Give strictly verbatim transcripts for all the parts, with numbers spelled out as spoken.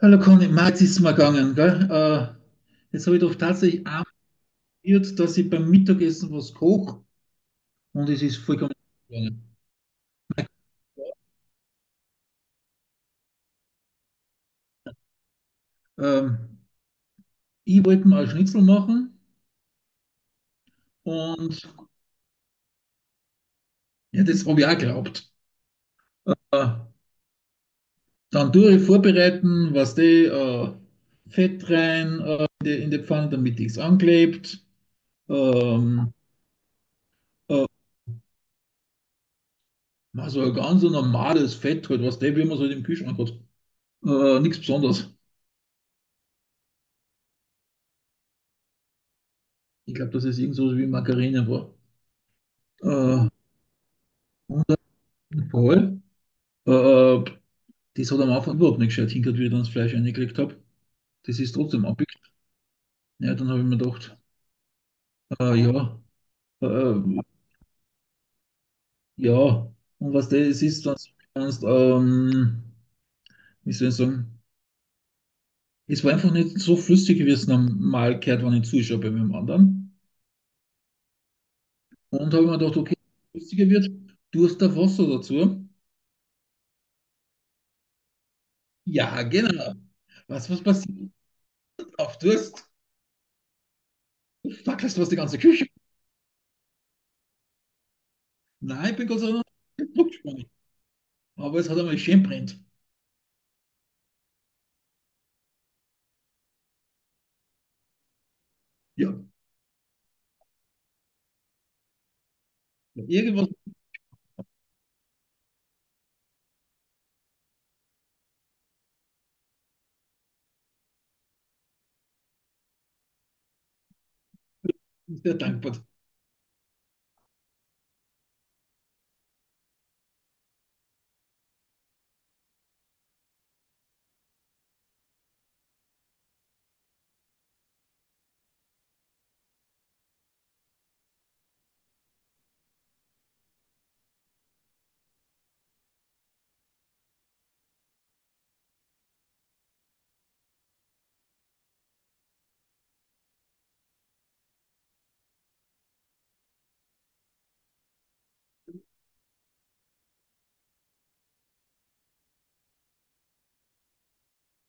Hallo Conny, Marc, es ist mir gegangen, gell? Äh, jetzt habe ich doch tatsächlich amüsiert, dass ich beim Mittagessen was koche und es ist vollkommen gegangen. Ähm, Ich wollte mal einen Schnitzel machen und ja, das habe ich auch geglaubt. Äh, Dann tue ich vorbereiten, was die äh, Fett rein äh, in die, in die Pfanne, damit nichts anklebt. Ähm, äh, also ein ganz normales Fett halt, was die, wie man es halt im Kühlschrank hat. Äh, nichts Besonderes. Ich glaube, dass es irgend so wie Margarine war. Äh, Voll. Äh, Das hat am Anfang überhaupt nicht gescheit hingehört, wie ich dann das Fleisch reingekriegt habe. Das ist trotzdem abgekriegt. Ja, dann habe ich mir gedacht, äh, ja, äh, ja. Und was das ist, dann, kannst, ähm, wie soll ich sagen, es war einfach nicht so flüssig, wie es normal gehört, wenn ich zuschaue bei meinem anderen. Und habe mir gedacht, okay, wenn es flüssiger wird, Durst auf Wasser dazu. Ja, genau. Was, was passiert auf Durst? Fackelst du was die ganze Küche? Nein, ich bin Gott sei Dank, aber es hat einmal schön brennt. Ja. Irgendwas ist der dankbar.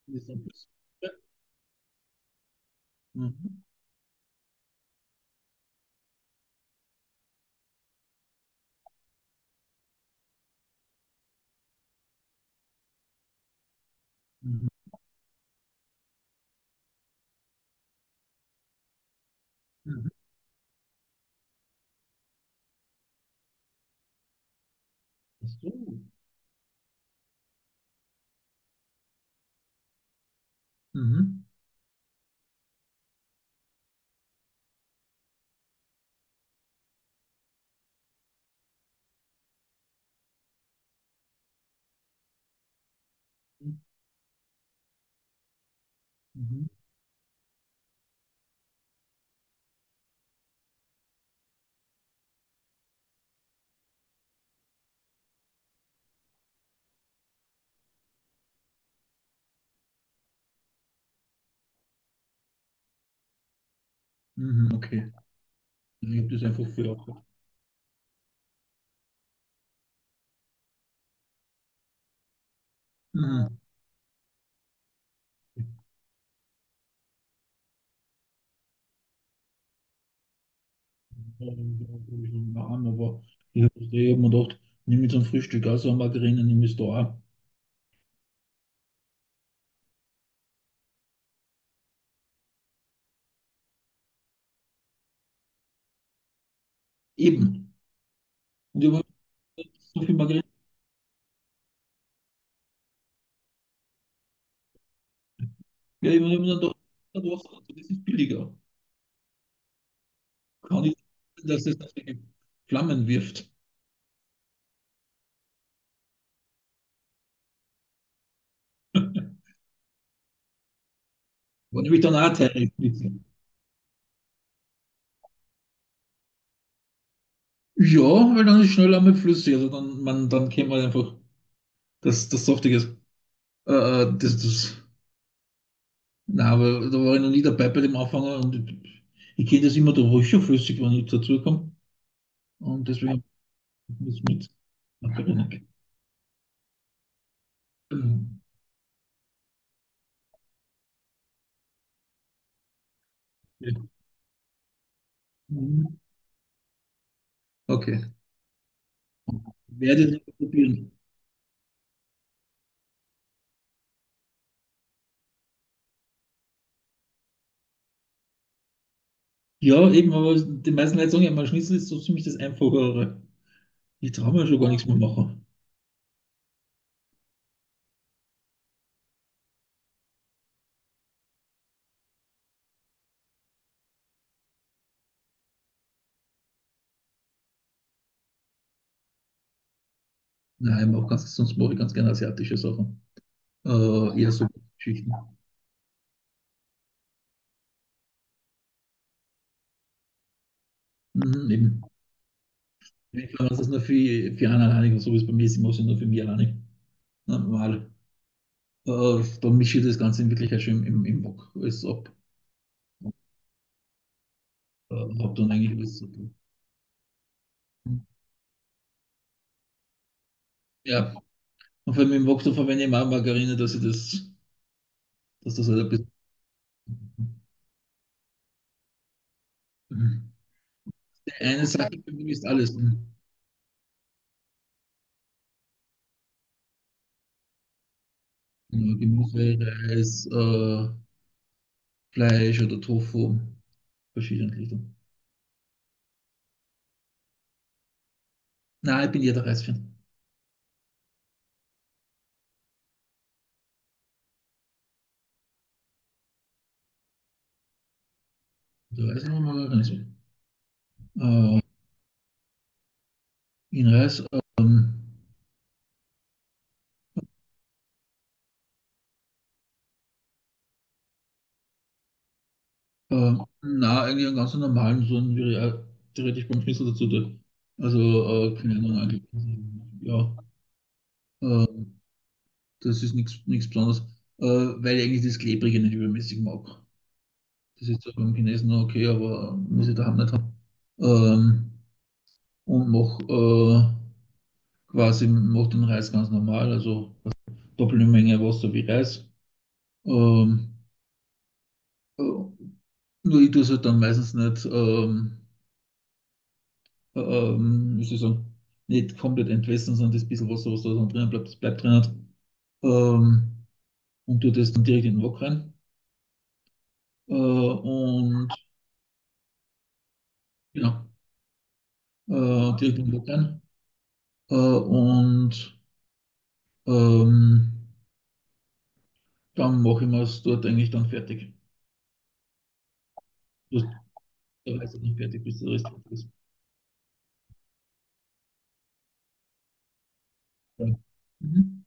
Mhm. Mhm. Mhm. So. Mhm. Mhm. Mhm. Mhm. Okay. Ich habe das einfach für auch gehabt. Mhm. Aber ich habe mir gedacht, nimm jetzt ein Frühstück also eine Margarine, nimm es da auch. Eben. Und ich habe so viel Margarine, ja, ich habe mir dann gedacht, ja, das ist billiger. Kann ich, dass es das Flammen wirft. War nämlich dann auch Teil. Ja, weil dann ist schneller mit flüssig. Also dann, man, dann kennt man einfach das, das Saftige. Äh, äh, das, das, nein, aber da war ich noch nie dabei bei dem Anfänger und ich, ich kenne das immer, da war ich schon flüssig, wenn ich dazu kam. Und deswegen muss mit. Okay. Werde ich nicht probieren. Ja, eben, aber die meisten Leute sagen ja, mein Schnitzel ist so ziemlich das Einfachere. Ich traue mir schon gar nichts mehr machen. Nein, ich mach ganz, sonst mache ich ganz gerne asiatische Sachen. Äh, eher so Geschichten. Mhm, eben. Ja, ich glaube, das ist nur für, für einen alleinigen, so wie es bei mir ist, ich mache es nur für mich alleinig. Normal. Äh, dann mische ich das Ganze in Wirklichkeit schon im, im, im Wok alles ab. Äh, hab dann eigentlich alles so. Ja, und vor allem im Wok, da verwende ich auch Margarine, dass ich das, dass das halt ein bisschen. Die eine Sache für mich ist alles. Ja, Gemüse, Reis, äh, Fleisch oder Tofu, verschiedene Richtungen. Nein, ich bin jeder Reis-Fan. Der Reis nochmal Reis. Äh, in Reis, ähm, Ähm, na, eigentlich einen ganz normalen, so einen, wie er theoretisch beim Schnitzel dazu tut. Also, äh, keine Ahnung, eigentlich. Ja, ähm, das ist nichts nichts Besonderes, äh, weil ich eigentlich das Klebrige nicht übermäßig mag. Das ist zwar beim Chinesen noch okay, aber äh, muss ich daheim nicht haben. Ähm, und mach äh, quasi mach den Reis ganz normal, also doppelte Menge Wasser wie Reis. Ähm, äh, Nur ich tue es halt dann meistens nicht. Ähm, ähm, wie soll ich sagen, nicht komplett entwässern, sondern das bisschen Wasser, was da drin bleibt, das bleibt drin. Hat. Ähm, und tue das dann direkt in den Wok rein. Äh, und genau, äh, direkt in den Wok rein. Äh, und ähm, dann mache ich mir es dort eigentlich dann fertig. Das, der Reis ist nicht fertig, bis der Rest fertig ist. Ja. Mhm.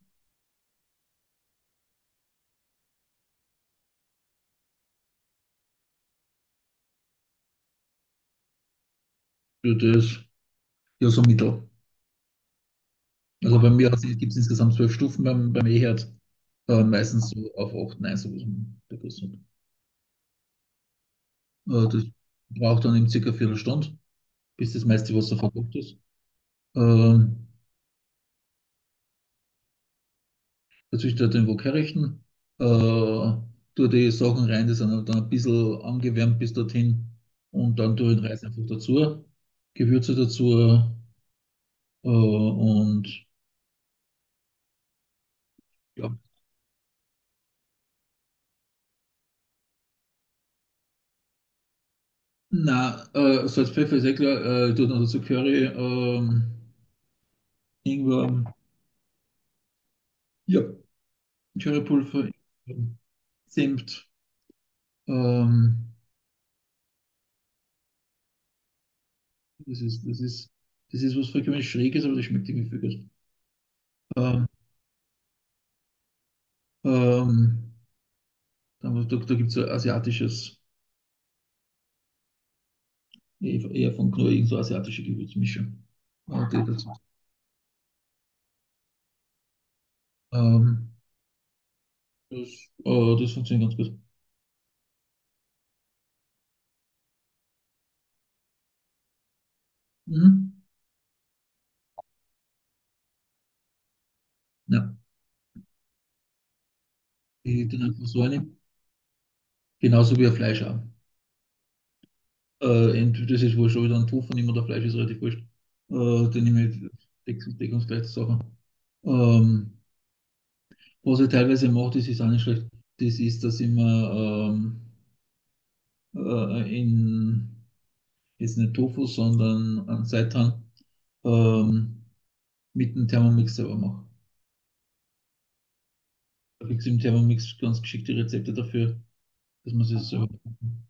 Ja, das ja so mittel. Also bei mir gibt es insgesamt zwölf Stufen beim, beim E-Herd. Äh, meistens so auf acht neun, so der Größe. Äh, das braucht dann eben circa eine Viertelstunde, bis das meiste Wasser verkocht ist. Ähm, Dazwischen halt den Wok herrichten, äh, tue die Sachen rein, die sind dann ein bisschen angewärmt bis dorthin und dann tue ich den Reis einfach dazu, Gewürze dazu äh, und ja. Na, äh, Salz, Pfeffer ist eh klar, äh, ich tue dann dazu Curry, ähm, Ingwer, ja, Currypulver, Senf, ähm, Das ist, das ist, das ist was vollkommen Schräges, aber das schmeckt irgendwie viel gut. Ähm, ähm, Dann, da da gibt es so asiatisches, eher eher von Knorr, irgend so asiatische Gewürzmischung. Äh, die dazu. Ähm, das, äh, das funktioniert ganz gut. Mhm. Ja, ich dann einfach so eine. Genauso wie ein Fleisch auch. Äh, entweder das ist wurscht, ob ich dann Tofu nehme oder Fleisch ist relativ wurscht. Äh, dann nehme ich Deck- deckungsgleiche Sachen. Ähm, Was ich teilweise mache, das ist auch nicht schlecht, das ist, dass ich mir ähm, äh, in, jetzt nicht Tofu, sondern an Seitan, ähm, mit dem Thermomix selber mache. Da kriegst du im Thermomix ganz geschickte Rezepte dafür, dass man es selber machen.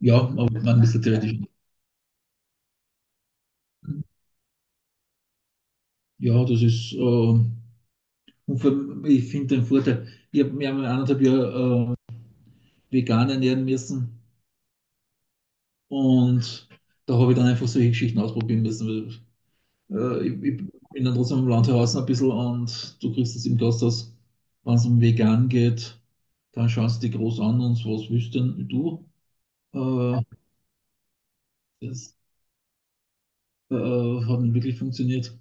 Ja, aber man ist ja theoretisch. Ja, das ist, äh, und vor allem, ich finde den Vorteil, ich habe mir einmal anderthalb Jahre äh, vegan ernähren müssen und da habe ich dann einfach solche Geschichten ausprobieren müssen. Äh, ich, ich bin dann trotzdem im Landhausen ein bisschen und du kriegst es im Gasthaus, wenn es um vegan geht, dann schauen sie dich groß an und was willst denn du? Äh, Das äh, hat nicht wirklich funktioniert.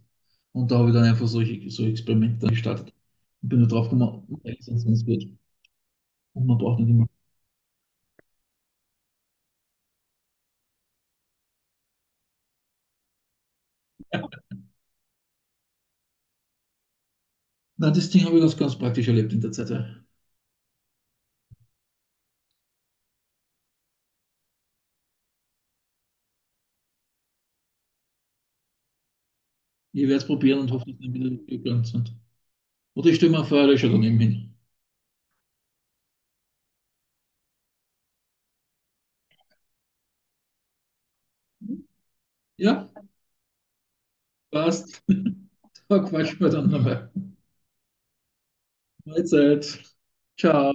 Und da habe ich dann einfach solche, solche Experimente dann gestartet. Und bin nur drauf gekommen, eigentlich ist es ganz gut. Und man braucht nicht immer. Na, das Ding habe ich ganz, ganz praktisch erlebt in der Zeit. Ja. Ich werde es probieren und hoffe, dass die wieder gegangen sind. Oder ich stelle mir vor, ich schaue daneben hin. Ja, passt. Da quatschen wir dann nochmal. Mahlzeit. Ciao.